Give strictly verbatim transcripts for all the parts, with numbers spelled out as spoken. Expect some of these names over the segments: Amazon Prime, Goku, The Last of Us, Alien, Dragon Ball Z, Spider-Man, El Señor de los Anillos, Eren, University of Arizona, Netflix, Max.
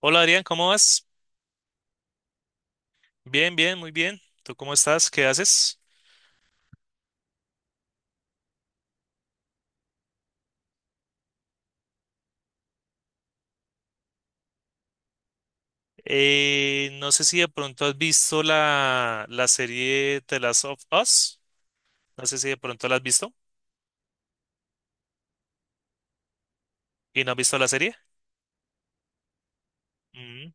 Hola Adrián, ¿cómo vas? Bien, bien, muy bien. ¿Tú cómo estás? ¿Qué haces? Eh, no sé si de pronto has visto la, la serie The Last of Us. No sé si de pronto la has visto y no has visto la serie. Mm.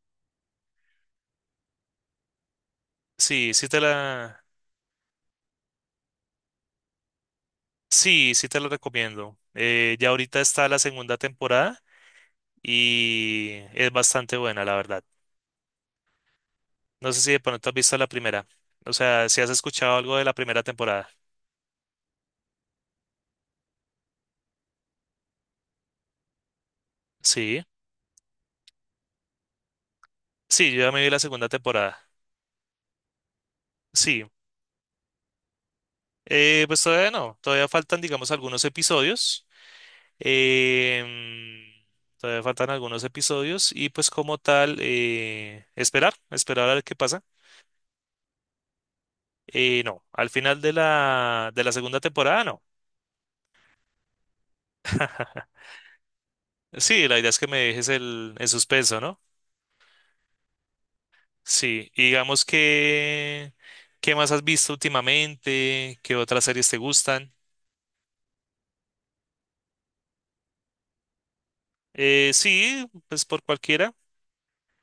Sí, sí te la, sí, sí te la recomiendo. Eh, ya ahorita está la segunda temporada y es bastante buena, la verdad. No sé si de pronto has visto la primera. O sea, si has escuchado algo de la primera temporada. Sí, sí, yo ya me vi la segunda temporada. Sí. Eh, pues todavía no, todavía faltan, digamos, algunos episodios. em, Todavía faltan algunos episodios y pues como tal, eh, esperar, esperar a ver qué pasa. Eh, no, al final de la, de la segunda temporada, no. Sí, la idea es que me dejes el, el suspenso, ¿no? Sí, y digamos que, ¿qué más has visto últimamente? ¿Qué otras series te gustan? Eh, sí, pues por cualquiera.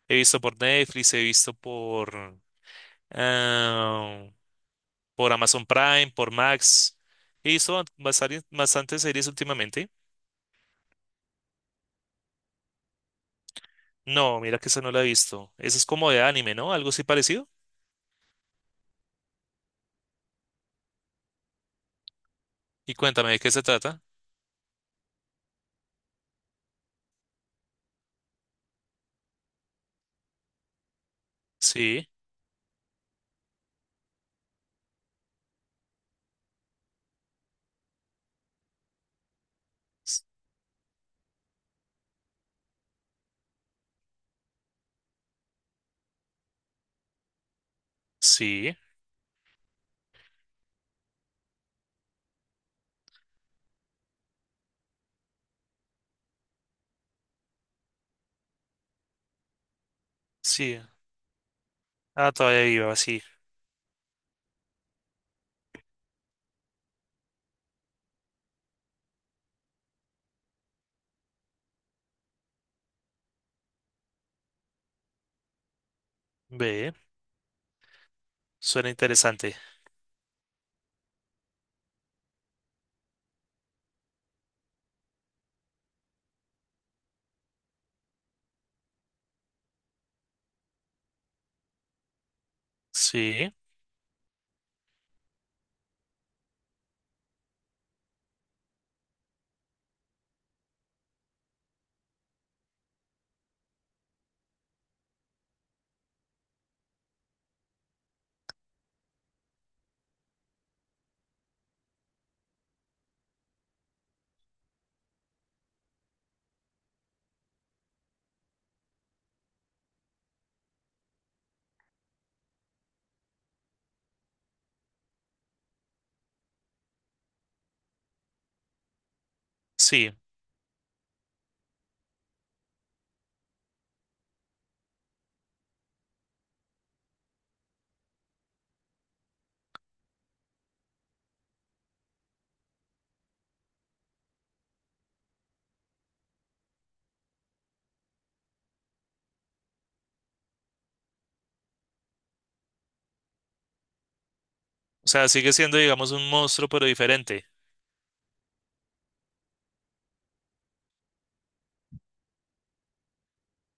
He visto por Netflix, he visto por... ah, por Amazon Prime, por Max. He visto bast- bastante, bastantes series últimamente. No, mira que esa no la he visto. Esa es como de anime, ¿no? Algo así parecido. Y cuéntame de qué se trata. Sí, s- sí, sí. Ah, todavía viva, sí. Ve, suena interesante. Sí, sí. O sea, sigue siendo, digamos, un monstruo, pero diferente.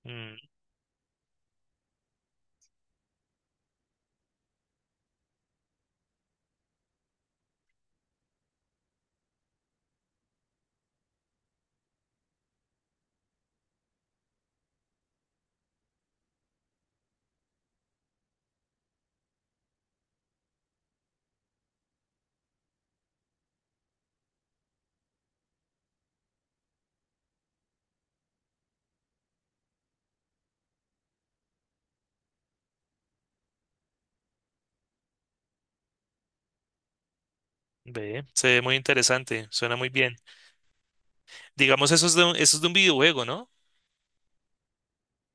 Mm, ve, se ve muy interesante, suena muy bien. Digamos, eso es de un, eso es de un videojuego, ¿no?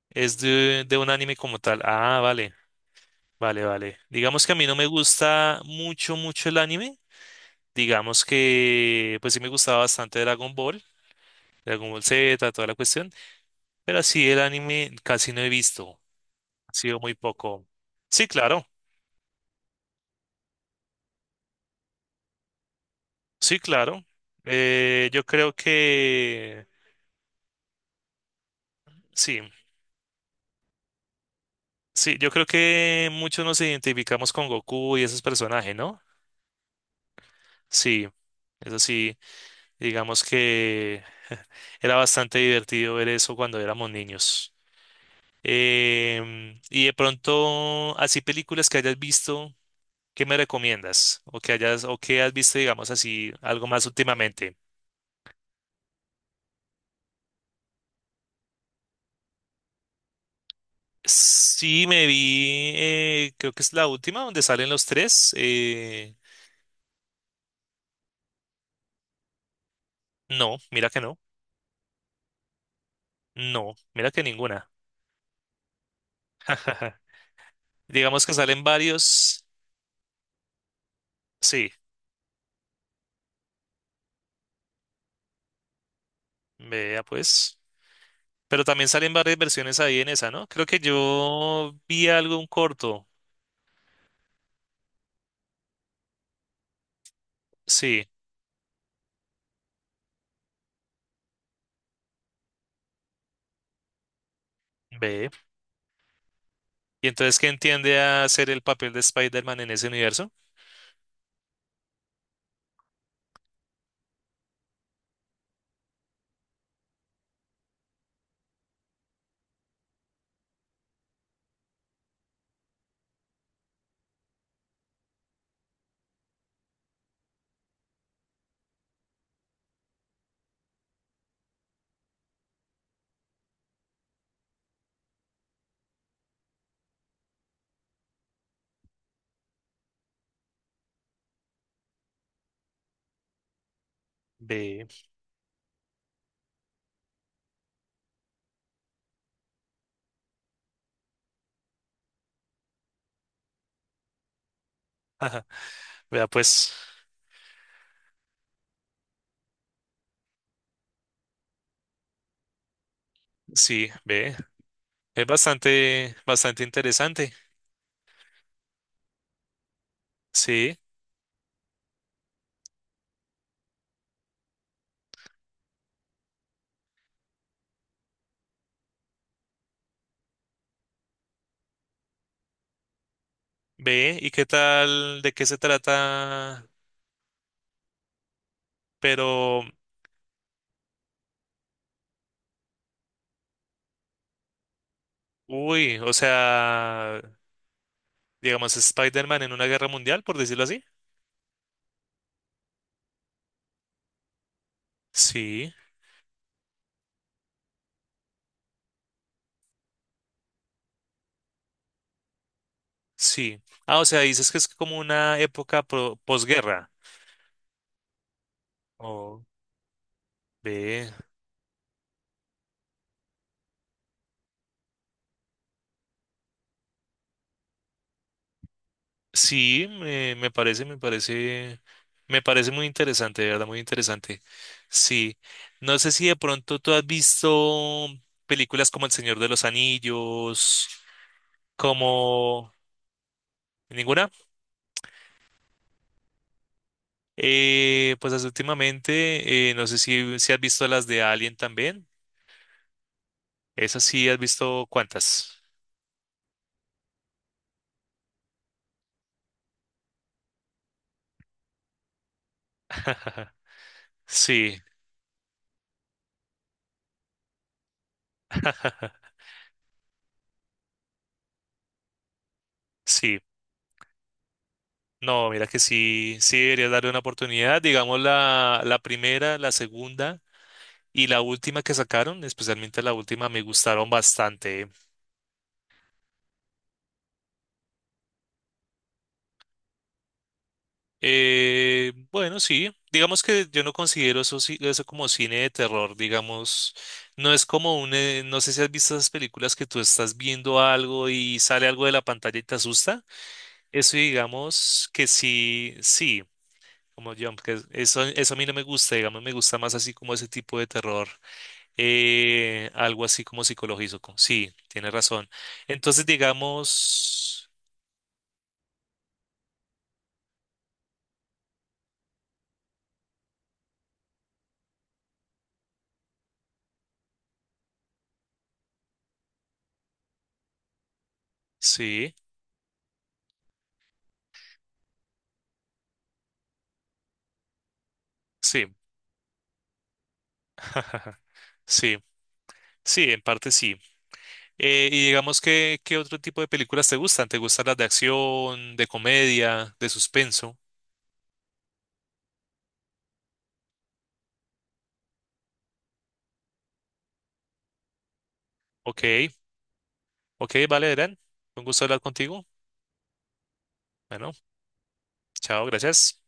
Es de, de un anime como tal. Ah, vale, vale, vale. Digamos que a mí no me gusta mucho, mucho el anime. Digamos que, pues sí me gustaba bastante Dragon Ball, Dragon Ball Z, toda la cuestión. Pero así el anime casi no he visto. Ha sido muy poco. Sí, claro, sí, claro. Eh, yo creo que, sí, sí, yo creo que muchos nos identificamos con Goku y esos personajes, ¿no? Sí, eso sí. Digamos que era bastante divertido ver eso cuando éramos niños. Em, y de pronto, así películas que hayas visto, ¿qué me recomiendas? O que hayas, o que has visto, digamos así, algo más últimamente. Sí, me vi, eh, creo que es la última donde salen los tres. Eh, no, mira que no. No, mira que ninguna. Digamos que salen varios. Sí, vea pues. Pero también salen varias versiones ahí en esa, ¿no? Creo que yo vi algo, un corto. Sí, ve. ¿Y entonces qué entiende a hacer el papel de Spider-Man en ese universo? Ve. Ajá. Vea, pues, sí, ve. Es bastante, bastante interesante. Sí, ve. ¿Y qué tal? ¿De qué se trata? Pero, uy, o sea, digamos, Spider-Man en una guerra mundial, por decirlo así. Sí, sí. Ah, o sea, dices que es como una época pro- posguerra. Oh, ve. Sí, me, me parece, me parece, me parece muy interesante, de verdad, muy interesante. Sí. No sé si de pronto tú has visto películas como El Señor de los Anillos, como ninguna. Eh, pues as- últimamente, eh, no sé si, si has visto las de Alien también. Esas sí, has visto cuántas. Sí, sí. No, mira que sí, sí deberías darle una oportunidad. Digamos la, la primera, la segunda. Y la última que sacaron, especialmente la última, me gustaron bastante. Eh, bueno, sí, digamos que yo no considero eso, ci- eso como cine de terror, digamos, no es como un, eh, no sé si has visto esas películas que tú estás viendo algo y sale algo de la pantalla y te asusta. Eso digamos que sí, sí, como yo, que es- eso, eso a mí no me gusta, digamos, me gusta más así como ese tipo de terror, eh, algo así como psicológico, sí, tienes razón. Entonces, digamos... Sí, sí, sí, sí, en parte sí. Eh, y digamos que, ¿qué otro tipo de películas te gustan? ¿Te gustan las de acción, de comedia, de suspenso? Ok, ok, vale, Eren, un gusto hablar contigo. Bueno, chao, gracias.